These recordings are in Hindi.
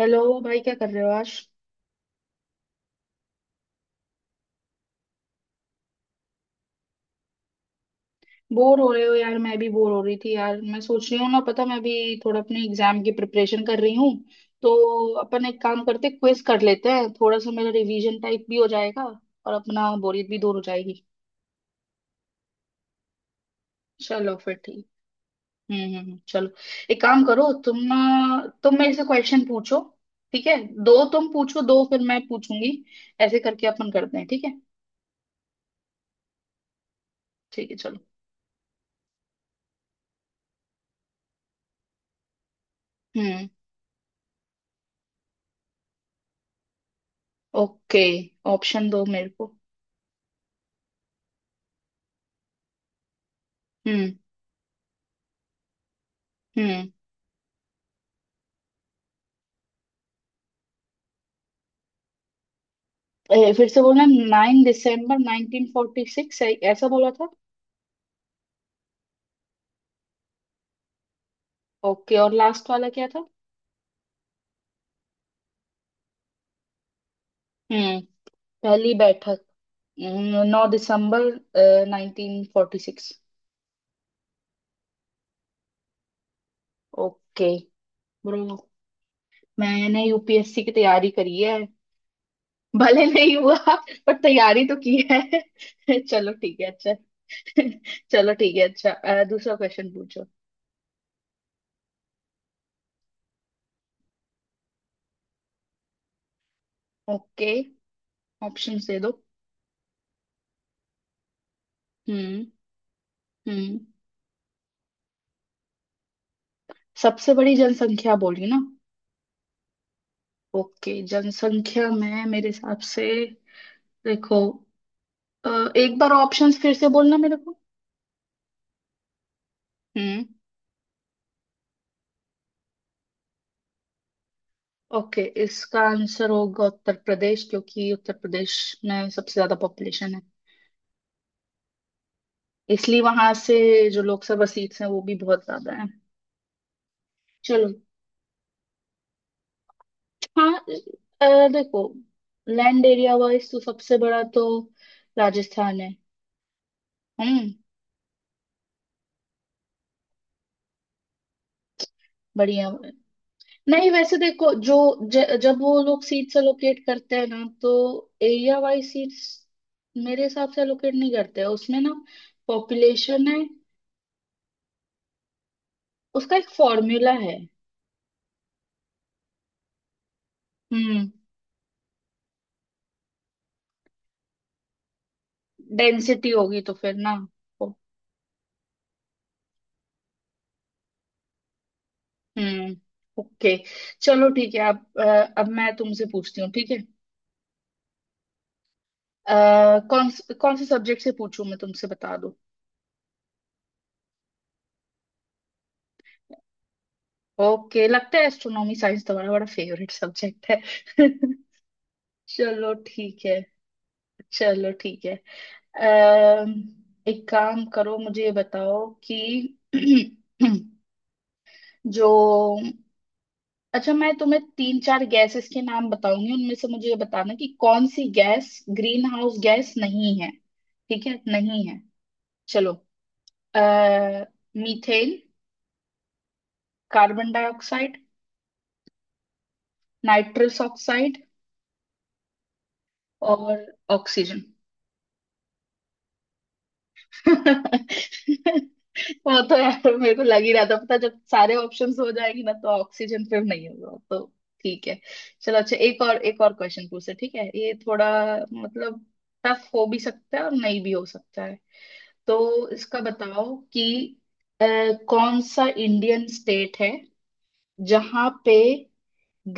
हेलो। भाई, क्या कर रहे हो आज? बोर हो रहे हो यार? मैं भी बोर हो रही थी यार। मैं सोच रही हूँ ना पता, मैं भी थोड़ा अपने एग्जाम की प्रिपरेशन कर रही हूँ। तो अपन एक काम करते, क्विज कर लेते हैं। थोड़ा सा मेरा रिवीजन टाइप भी हो जाएगा और अपना बोरियत भी दूर हो जाएगी। चलो फिर ठीक। हम्म, हम्म, चलो। एक काम करो तुम ना, तुम मेरे से क्वेश्चन पूछो। ठीक है? दो तुम पूछो, दो फिर मैं पूछूंगी। ऐसे करके अपन करते हैं, ठीक है? ठीक है चलो। हम्म। ओके, ऑप्शन दो मेरे को। हम्म। हम्म। फिर से बोलना, 9 दिसंबर 1946 ऐसा बोला था। ओके, और लास्ट वाला क्या था? हम्म। पहली बैठक। 9 दिसंबर 1946। ओके। ब्रो, मैंने यूपीएससी की तैयारी करी है। भले नहीं हुआ, पर तैयारी तो की है। चलो ठीक है अच्छा। चलो ठीक है अच्छा। दूसरा क्वेश्चन पूछो। ओके, ऑप्शंस दे दो। हम्म। हम्म। सबसे बड़ी जनसंख्या बोली ना? ओके, जनसंख्या में मेरे हिसाब से, देखो, अ, एक बार ऑप्शंस फिर से बोलना मेरे को। हम्म। ओके, इसका आंसर होगा उत्तर प्रदेश, क्योंकि उत्तर प्रदेश में सबसे ज्यादा पॉपुलेशन है। इसलिए वहां से जो लोकसभा सीट्स हैं, वो भी बहुत ज्यादा है। चलो। हाँ, देखो, लैंड एरिया वाइज तो सबसे बड़ा तो राजस्थान है। हम्म। बढ़िया। नहीं वैसे देखो, जो जब वो लोग सीट्स एलोकेट करते हैं ना, तो एरिया वाइज सीट्स मेरे हिसाब से एलोकेट नहीं करते हैं उसमें ना, पॉपुलेशन है। उसका एक फॉर्मूला है। हम्म। डेंसिटी होगी तो फिर ना। ओ- हम्म। ओके। चलो ठीक है अब, अब मैं तुमसे पूछती हूँ, ठीक है? कौन कौन से सब्जेक्ट से पूछूं मैं तुमसे, बता दो। ओके, लगता है एस्ट्रोनॉमी साइंस तुम्हारा बड़ा फेवरेट सब्जेक्ट है। चलो ठीक है। चलो ठीक है। अम, एक काम करो, मुझे ये बताओ कि जो, अच्छा, मैं तुम्हें तीन चार गैसेस के नाम बताऊंगी, उनमें से मुझे ये बताना कि कौन सी गैस ग्रीन हाउस गैस नहीं है। ठीक है, नहीं है। चलो। अः methane, carbon dioxide, nitrous oxide और ऑक्सीजन। वो तो यार मेरे को लग ही रहा था, पता, जब सारे ऑप्शंस हो जाएगी ना तो ऑक्सीजन फिर नहीं होगा तो। ठीक है। चलो अच्छा, एक और क्वेश्चन पूछे, ठीक है? ये थोड़ा, मतलब, टफ हो भी सकता है और नहीं भी हो सकता है। तो इसका बताओ कि अ, कौन सा इंडियन स्टेट है जहां पे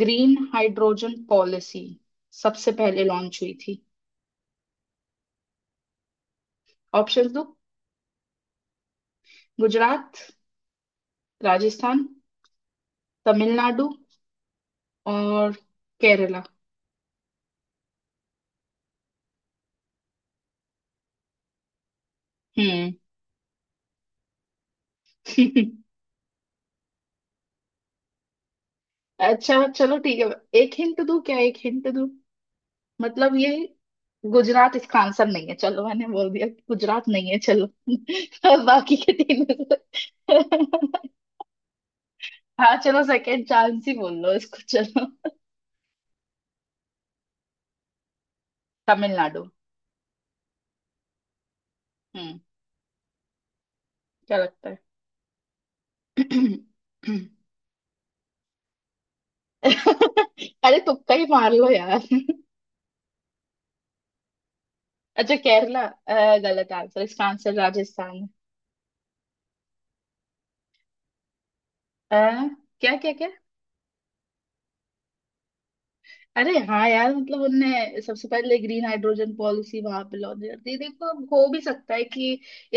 ग्रीन हाइड्रोजन पॉलिसी सबसे पहले लॉन्च हुई थी? ऑप्शंस दो, गुजरात, राजस्थान, तमिलनाडु और केरला। हम्म। अच्छा चलो ठीक है। एक हिंट दूं क्या? एक हिंट दूं, मतलब ये गुजरात इसका आंसर नहीं है। चलो मैंने बोल दिया कि गुजरात नहीं है, चलो। बाकी के तीन। हाँ चलो, सेकेंड चांस ही बोल लो इसको, चलो। तमिलनाडु। हम्म। क्या लगता है? अरे तुक्का ही मार लो यार। अच्छा, केरला, गलत आंसर, इसका आंसर राजस्थान है। क्या क्या क्या। अरे हाँ यार, मतलब उनने सबसे पहले ग्रीन हाइड्रोजन पॉलिसी वहां पे लॉन्च कर दी। देखो, अब हो भी सकता है कि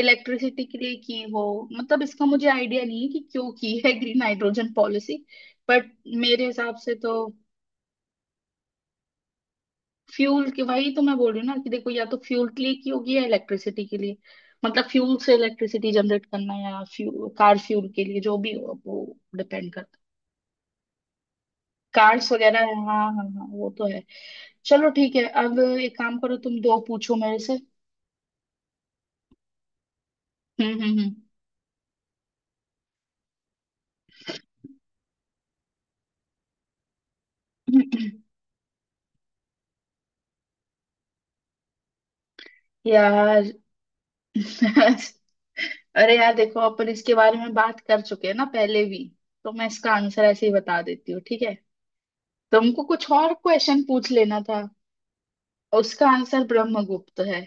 इलेक्ट्रिसिटी के लिए की हो। मतलब इसका मुझे आइडिया नहीं है कि क्यों की है ग्रीन हाइड्रोजन पॉलिसी, बट मेरे हिसाब से तो फ्यूल के, वही तो मैं बोल रही हूँ ना, कि देखो, या तो फ्यूल के लिए की होगी या इलेक्ट्रिसिटी के लिए। मतलब फ्यूल से इलेक्ट्रिसिटी जनरेट करना, या फ्यूल कार फ्यूल के लिए, जो भी हो, अब वो डिपेंड करता है। कार्स वगैरह है, हाँ हाँ हाँ, वो तो है। चलो ठीक है, अब एक काम करो, तुम दो पूछो मेरे से। हम्म, हम्म, हम्म। यार। अरे यार देखो, अपन इसके बारे में बात कर चुके हैं ना पहले भी, तो मैं इसका आंसर ऐसे ही बता देती हूँ, ठीक है? तुमको कुछ और क्वेश्चन पूछ लेना था। और उसका आंसर ब्रह्मगुप्त है।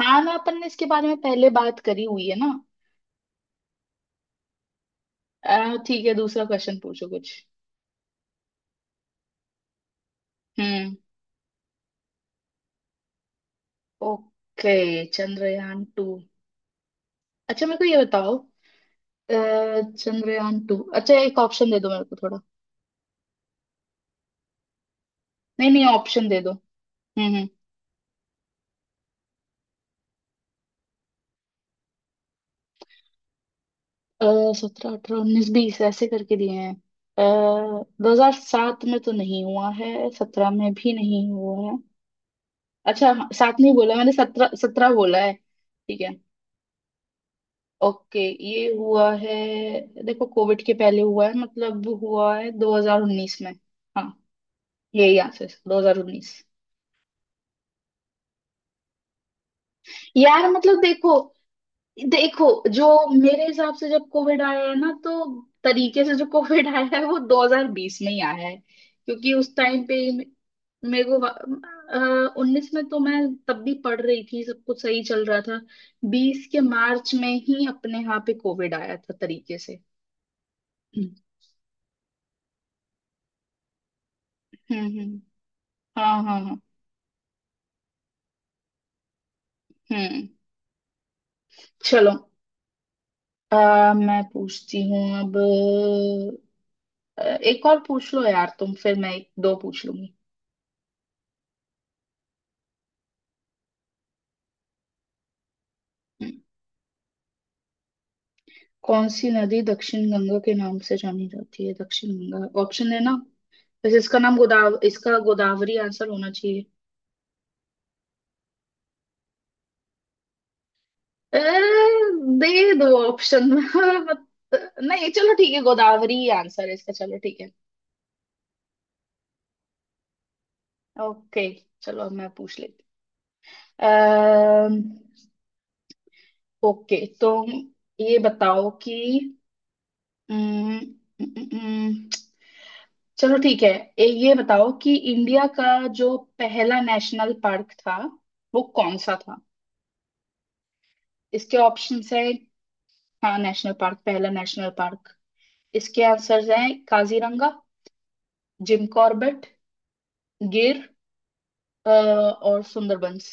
हाँ ना, अपन ने इसके बारे में पहले बात करी हुई है ना। ठीक है, दूसरा क्वेश्चन पूछो कुछ। हम्म। Okay, Chandrayaan two. अच्छा मेरे को ये बताओ, अ, चंद्रयान टू, अच्छा एक ऑप्शन दे दो मेरे को थोड़ा। नहीं नहीं, ऑप्शन दे दो। हम्म। हम्म। सत्रह, अठारह, उन्नीस, बीस ऐसे करके दिए हैं। 2007 में तो नहीं हुआ है, सत्रह में भी नहीं हुआ है। अच्छा हाँ, सात नहीं बोला मैंने, सत्रह, सत्रह बोला है, ठीक है। ओके, ये हुआ है। देखो, कोविड के पहले हुआ है, मतलब हुआ है 2019 में। हाँ, यही आंसर, 2019। यार मतलब देखो, देखो जो मेरे हिसाब से, जब कोविड आया है ना, तो तरीके से जो कोविड आया है वो 2020 में ही आया है, क्योंकि उस टाइम पे ही मेरे को, उन्नीस में तो मैं तब भी पढ़ रही थी, सब कुछ सही चल रहा था। बीस के मार्च में ही अपने यहाँ पे कोविड आया था तरीके से। हम्म। हम्म। हाँ हाँ हाँ। हम्म। चलो। आ, मैं पूछती हूँ अब। एक और पूछ लो यार तुम, फिर मैं एक दो पूछ लूंगी। कौन सी नदी दक्षिण गंगा के नाम से जानी जाती है? दक्षिण गंगा ऑप्शन है ना। वैसे इसका नाम गोदाव इसका गोदावरी आंसर होना चाहिए। ए, दे दो ऑप्शन। नहीं चलो ठीक है, गोदावरी ही आंसर है इसका, चलो ठीक है। ओके, चलो अब मैं पूछ लेती हूँ। ओके तो ये बताओ कि अम्म, अम्म, अम्म, चलो ठीक है। ये बताओ कि इंडिया का जो पहला नेशनल पार्क था, वो कौन सा था? इसके ऑप्शंस है। हाँ, नेशनल पार्क, पहला नेशनल पार्क। इसके आंसर्स हैं: काजीरंगा, जिम कॉर्बेट, गिर, और सुंदरबंस।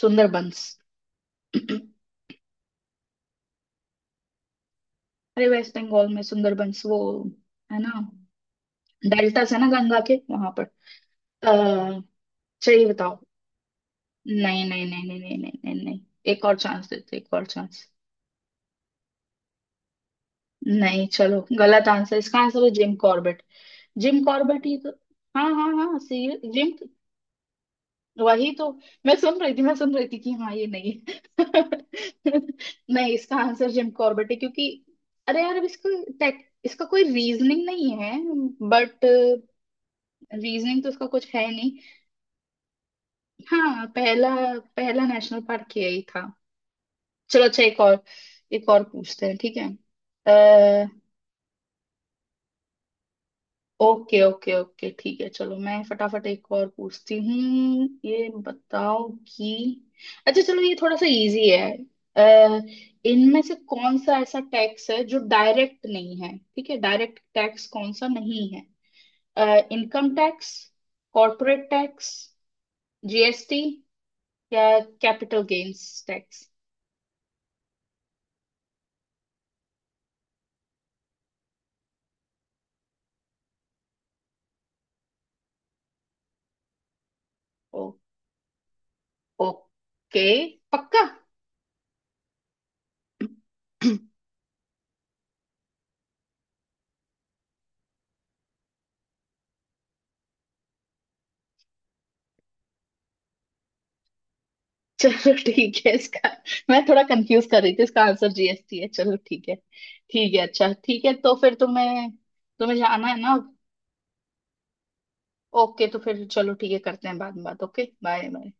सुंदरबंस। अरे वेस्ट बंगाल में सुंदरबंस, वो है ना, डेल्टास है ना गंगा के वहां पर। अः चाहिए बताओ? नहीं नहीं नहीं नहीं नहीं नहीं नहीं नहीं, एक और चांस देते, एक और चांस। नहीं चलो, गलत आंसर, इसका आंसर है जिम कॉर्बेट। जिम कॉर्बेट ही तो, हाँ हाँ हाँ, सी। जिम, वही तो। मैं सुन रही थी, मैं सुन रही थी कि हाँ ये नहीं है। नहीं, इसका आंसर जिम कॉर्बेट है, क्योंकि अरे यार अब इसको टेक, इसका कोई रीजनिंग नहीं है, बट रीजनिंग तो इसका कुछ है नहीं। हाँ, पहला, पहला नेशनल पार्क यही था। चलो अच्छा, एक और पूछते हैं, ठीक है। ओके ओके ओके, ठीक है। चलो मैं फटाफट एक और पूछती हूँ, ये बताओ कि, अच्छा चलो ये थोड़ा सा इजी है। अ, इनमें से कौन सा ऐसा टैक्स है जो डायरेक्ट नहीं है? ठीक है, डायरेक्ट टैक्स कौन सा नहीं है? Income tax, corporate tax, GST या capital gains tax. Oh. Okay. पक्का? चलो ठीक है, इसका मैं थोड़ा कंफ्यूज कर रही थी, इसका आंसर जीएसटी है। चलो ठीक है। ठीक है अच्छा, ठीक है तो फिर तुम्हें, तुम्हें जाना है ना? ओके तो फिर चलो ठीक है, करते हैं बाद में बात। Okay, bye bye.